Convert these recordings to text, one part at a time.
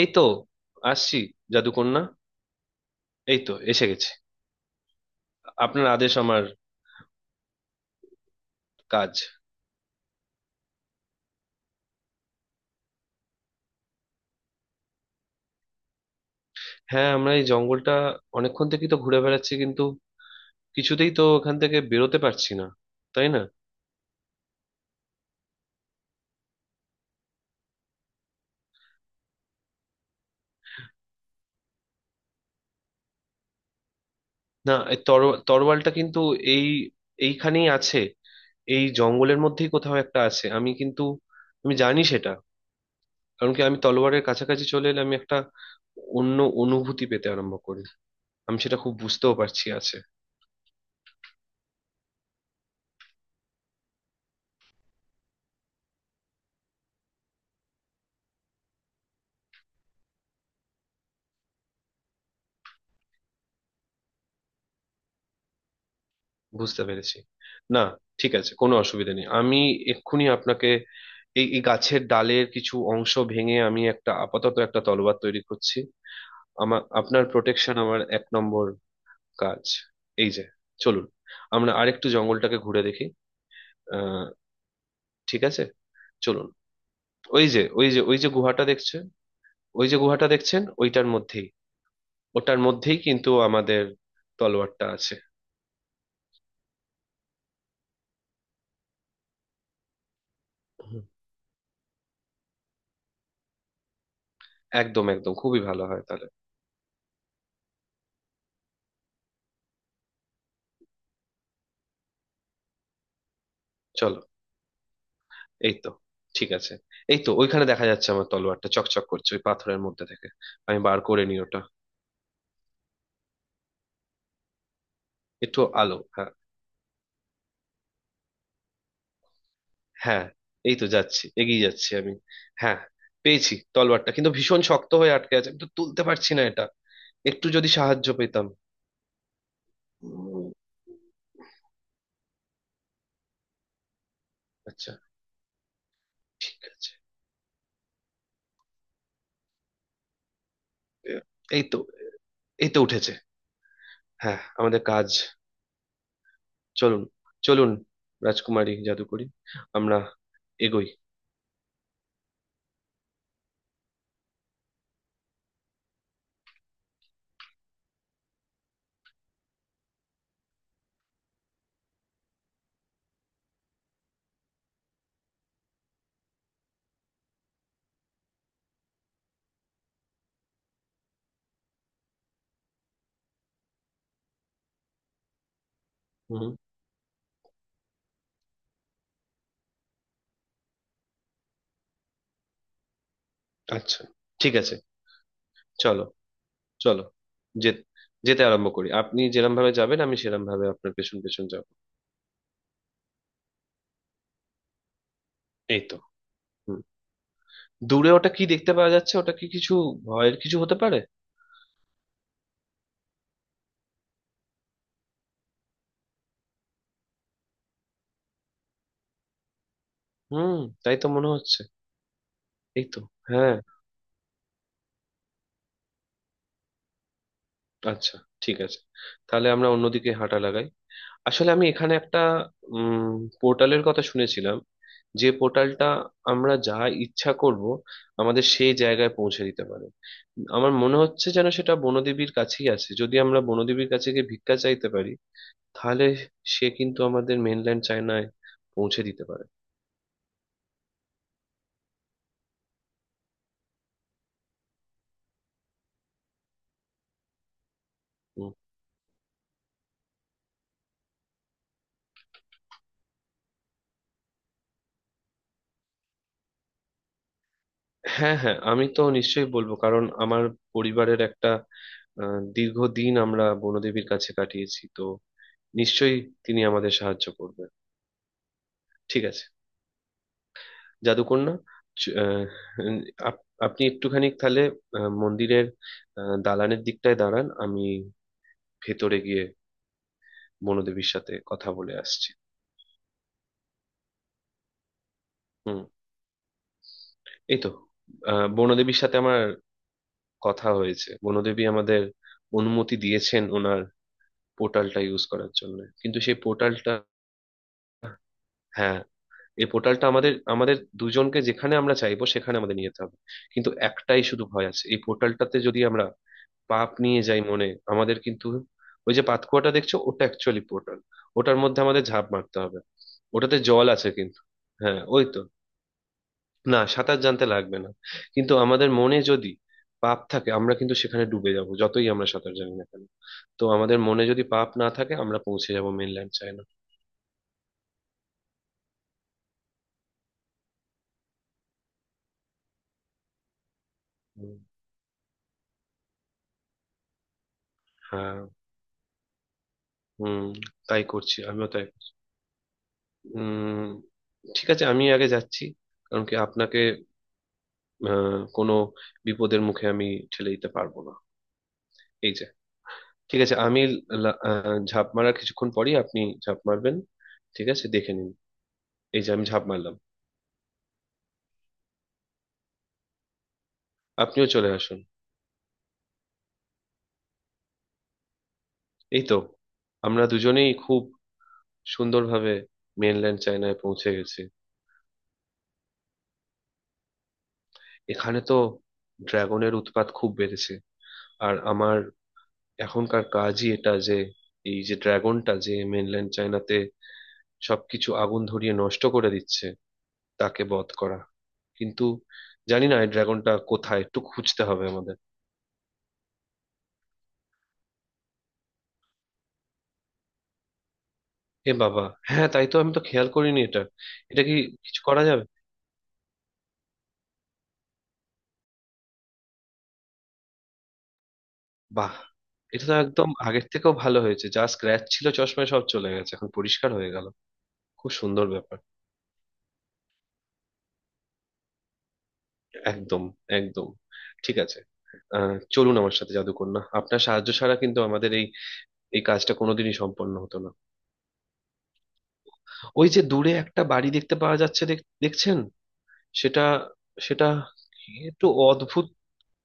এই তো আসছি, জাদুকন্যা। এই তো এসে গেছে। আপনার আদেশ আমার কাজ। হ্যাঁ, আমরা এই জঙ্গলটা অনেকক্ষণ থেকেই তো ঘুরে বেড়াচ্ছি, কিন্তু কিছুতেই তো ওখান থেকে বেরোতে পারছি না, তাই না? না, এই তর তরোয়ালটা কিন্তু এই এইখানেই আছে। এই জঙ্গলের মধ্যেই কোথাও একটা আছে, আমি জানি সেটা। কারণ কি, আমি তলোয়ারের কাছাকাছি চলে এলে আমি একটা অন্য অনুভূতি পেতে আরম্ভ করি। আমি সেটা খুব বুঝতেও পারছি আছে। বুঝতে পেরেছি। না, ঠিক আছে, কোনো অসুবিধা নেই। আমি এক্ষুনি আপনাকে এই এই গাছের ডালের কিছু অংশ ভেঙে আমি একটা আপাতত একটা তলোয়ার তৈরি করছি। আপনার প্রোটেকশন আমার এক নম্বর কাজ। এই যে, চলুন আমরা আরেকটু জঙ্গলটাকে ঘুরে দেখি। আহ ঠিক আছে, চলুন। ওই যে গুহাটা দেখছেন? ওই যে গুহাটা দেখছেন, ওইটার মধ্যেই ওটার মধ্যেই কিন্তু আমাদের তলোয়ারটা আছে। হুম, একদম একদম খুবই ভালো হয় তাহলে। চলো। এই তো, ঠিক আছে। এই তো ওইখানে দেখা যাচ্ছে আমার তলোয়ারটা চকচক করছে ওই পাথরের মধ্যে থেকে। আমি বার করে নি ওটা। একটু আলো, হ্যাঁ। হ্যাঁ, এই তো যাচ্ছি, এগিয়ে যাচ্ছি আমি। হ্যাঁ, পেয়েছি তলোয়ারটা, কিন্তু ভীষণ শক্ত হয়ে আটকে আছে, আমি তো তুলতে পারছি না এটা। একটু যদি সাহায্য পেতাম। উম, আচ্ছা। ঠিক আছে। এ- এই তো এই তো উঠেছে। হ্যাঁ, আমাদের কাজ। চলুন, চলুন, রাজকুমারী জাদুকরি, আমরা এগোই। হুম, আচ্ছা, ঠিক আছে। চলো, চলো। যে যেতে আরম্ভ করি, আপনি যেরম ভাবে যাবেন আমি সেরম ভাবে আপনার পেছন পেছন যাব। এই তো। হুম দূরে ওটা কি দেখতে পাওয়া যাচ্ছে? ওটা কি কিছু ভয়ের কিছু হতে পারে? হুম তাই তো মনে হচ্ছে। এই তো। হ্যাঁ, আচ্ছা, ঠিক আছে, তাহলে আমরা অন্যদিকে হাঁটা লাগাই। আসলে আমি এখানে একটা উম পোর্টালের কথা শুনেছিলাম। যে পোর্টালটা, আমরা যা ইচ্ছা করব, আমাদের সেই জায়গায় পৌঁছে দিতে পারে। আমার মনে হচ্ছে যেন সেটা বনদেবীর কাছেই আছে। যদি আমরা বনদেবীর কাছে গিয়ে ভিক্ষা চাইতে পারি, তাহলে সে কিন্তু আমাদের মেনল্যান্ড চায়নায় পৌঁছে দিতে পারে। হুম। হ্যাঁ, হ্যাঁ, আমি তো নিশ্চয়ই বলবো, কারণ আমার পরিবারের একটা, দীর্ঘদিন আমরা বনদেবীর কাছে কাটিয়েছি তো। নিশ্চয়ই তিনি আমাদের সাহায্য করবে। ঠিক আছে, জাদুকন্যা। চ- আহ, আপনি একটুখানি তাহলে মন্দিরের দালানের দিকটায় দাঁড়ান। আমি ভেতরে গিয়ে বনদেবীর সাথে কথা বলে আসছি। হুম। এই তো। বনদেবীর সাথে আমার কথা হয়েছে। বনদেবী আমাদের অনুমতি দিয়েছেন ওনার পোর্টালটা ইউজ করার জন্য, কিন্তু সেই পোর্টালটা। হ্যাঁ, এই পোর্টালটা আমাদের আমাদের দুজনকে যেখানে আমরা চাইবো সেখানে আমাদের নিয়ে যেতে হবে। কিন্তু একটাই শুধু ভয় আছে, এই পোর্টালটাতে যদি আমরা পাপ নিয়ে যাই মনে, আমাদের কিন্তু, ওই যে পাতকুয়াটা দেখছো, ওটা অ্যাকচুয়ালি পোর্টাল। ওটার মধ্যে আমাদের ঝাঁপ মারতে হবে। ওটাতে জল আছে কিন্তু। হ্যাঁ, ওই তো। না, সাঁতার জানতে লাগবে না। কিন্তু আমাদের মনে যদি পাপ থাকে, আমরা কিন্তু সেখানে ডুবে যাব, যতই আমরা সাঁতার জানি না কেন। তো আমাদের মনে যদি পাপ না থাকে, আমরা পৌঁছে যাব মেনল্যান্ড চায়না। হুম। হ্যাঁ, হুম, তাই করছি, আমিও তাই। উম ঠিক আছে, আমি আগে যাচ্ছি। কারণ কি আপনাকে কোনো বিপদের মুখে আমি ঠেলে দিতে পারবো না। এই যে। ঠিক আছে, আমি ঝাঁপ মারার কিছুক্ষণ পরই আপনি ঝাঁপ মারবেন। ঠিক আছে, দেখে নিন। এই যে আমি ঝাঁপ মারলাম। আপনিও চলে আসুন। এই তো, আমরা দুজনেই খুব সুন্দরভাবে মেনল্যান্ড চায়নায় পৌঁছে গেছি। এখানে তো ড্রাগনের উৎপাত খুব বেড়েছে। আর আমার এখনকার কাজই এটা, যে এই যে ড্রাগনটা যে মেনল্যান্ড চায়নাতে সবকিছু আগুন ধরিয়ে নষ্ট করে দিচ্ছে, তাকে বধ করা। কিন্তু জানি না এই ড্রাগনটা কোথায়, একটু খুঁজতে হবে আমাদের। এ বাবা, হ্যাঁ, তাই তো, আমি তো খেয়াল করিনি এটা। এটা কি কিছু করা যাবে? বাহ! এটা তো একদম আগের থেকেও ভালো হয়েছে, যা স্ক্র্যাচ ছিল চশমায় সব চলে গেছে, এখন পরিষ্কার হয়ে গেল। খুব সুন্দর ব্যাপার। একদম, একদম, ঠিক আছে। চলুন আমার সাথে, জাদুকন্যা। আপনার সাহায্য ছাড়া কিন্তু আমাদের এই এই কাজটা কোনোদিনই সম্পন্ন হতো না। ওই যে দূরে একটা বাড়ি দেখতে পাওয়া যাচ্ছে, দেখছেন? সেটা, সেটা কি একটু অদ্ভুত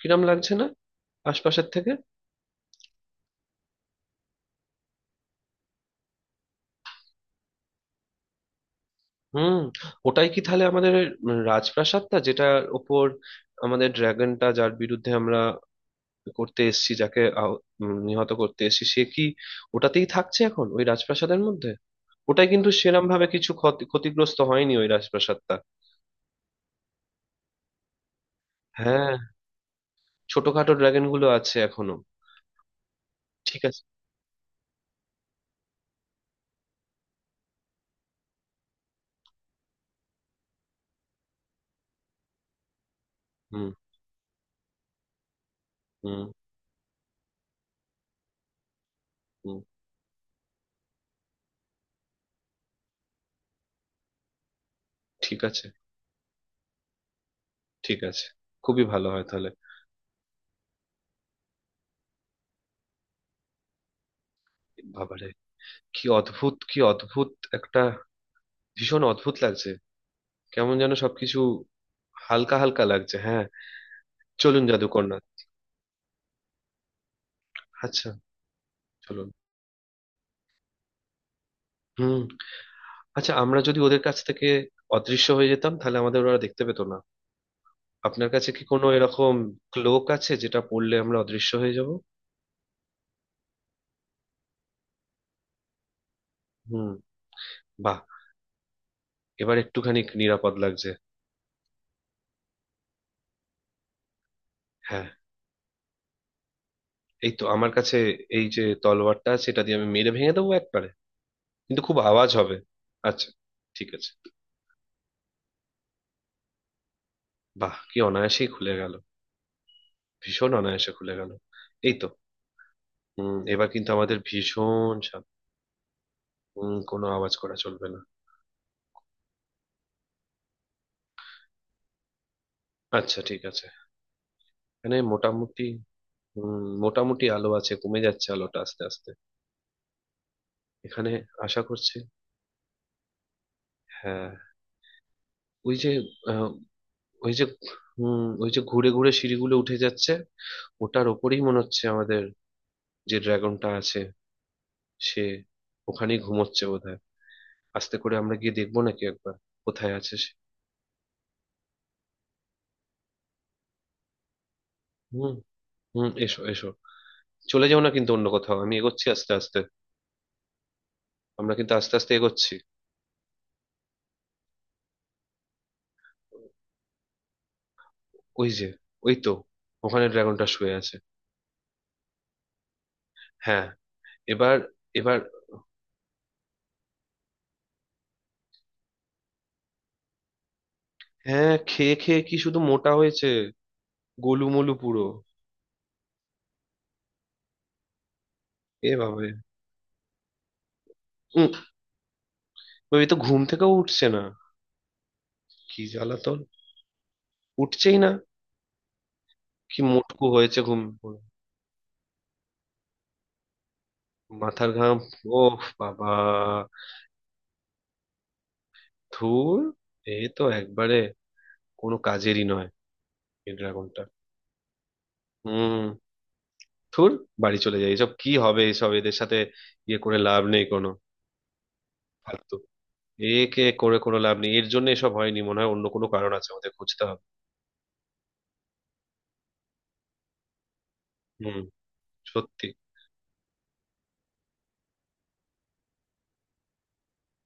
কিরম লাগছে না আশপাশের থেকে? হুম। ওটাই কি তাহলে আমাদের রাজপ্রাসাদটা, যেটার ওপর আমাদের ড্রাগনটা, যার বিরুদ্ধে আমরা করতে এসছি, যাকে নিহত করতে এসছি, সে কি ওটাতেই থাকছে এখন, ওই রাজপ্রাসাদের মধ্যে? ওটাই কিন্তু সেরম ভাবে কিছু ক্ষতিগ্রস্ত হয়নি ওই রাজপ্রাসাদটা। হ্যাঁ, ছোটখাটো ড্রাগন গুলো আছে এখনো। ঠিক আছে। হুম। হুম। হুম। ঠিক আছে। ঠিক আছে, খুবই ভালো হয় তাহলে। বাবারে! কি অদ্ভুত, কি অদ্ভুত! একটা ভীষণ অদ্ভুত লাগছে, কেমন যেন সবকিছু হালকা হালকা লাগছে, হ্যাঁ। চলুন, জাদুকরনাথ। আচ্ছা। চলুন। হুম, আচ্ছা, আমরা যদি ওদের কাছ থেকে অদৃশ্য হয়ে যেতাম, তাহলে আমাদের ওরা দেখতে পেতো না। আপনার কাছে কি কোনো এরকম ক্লোক আছে, যেটা পড়লে আমরা অদৃশ্য হয়ে যাব? হুম। বাহ! এবার একটুখানি নিরাপদ লাগছে। হ্যাঁ, এই তো আমার কাছে এই যে তলোয়ারটা আছে, এটা দিয়ে আমি মেরে ভেঙে দেবো একবারে। কিন্তু খুব আওয়াজ হবে। আচ্ছা, ঠিক আছে। বাহ, কি অনায়াসেই খুলে গেল! ভীষণ অনায়াসে খুলে গেল। এই তো। এবার কিন্তু আমাদের ভীষণ সাব- হুম কোনো আওয়াজ করা চলবে না। আচ্ছা, ঠিক আছে। মানে মোটামুটি, মোটামুটি আলো আছে, কমে যাচ্ছে আলোটা আস্তে আস্তে। এখানে আশা করছি, হ্যাঁ। ওই যে, আহ, ওই যে, ওই যে ঘুরে ঘুরে সিঁড়িগুলো উঠে যাচ্ছে। ওটার ওপরেই মনে হচ্ছে আমাদের যে ড্রাগনটা আছে, সে ওখানেই ঘুমোচ্ছে বোধহয়। আস্তে করে আমরা গিয়ে দেখবো নাকি একবার কোথায় আছে সে? হুম। হুম, এসো, এসো। চলে যাও না কিন্তু অন্য কোথাও, আমি এগোচ্ছি আস্তে আস্তে। আমরা কিন্তু আস্তে আস্তে এগোচ্ছি। ওই যে, ওই তো ওখানে ড্রাগনটা শুয়ে আছে। হ্যাঁ। এবার। এবার। হ্যাঁ, খেয়ে খেয়ে কি শুধু মোটা হয়েছে, গোলুমোলু পুরো। এ ভাবে, উম, ওই তো ঘুম থেকেও উঠছে না। কি জ্বালাতন, উঠছেই না। কি মোটকু হয়েছে, ঘুম পুরো। মাথার ঘাম। ও বাবা। ধুর, এ তো একবারে কোনো কাজেরই নয় এই ড্রাগনটা। হুম, ধুর, বাড়ি চলে যাই, এসব কি হবে এসব এদের সাথে। ইয়ে করে লাভ নেই কোনো। ফালতু। একে করে কোনো লাভ নেই, এর জন্য এসব হয়নি মনে হয়, অন্য কোনো কারণ আছে, আমাদের খুঁজতে হবে। হুম। সত্যি।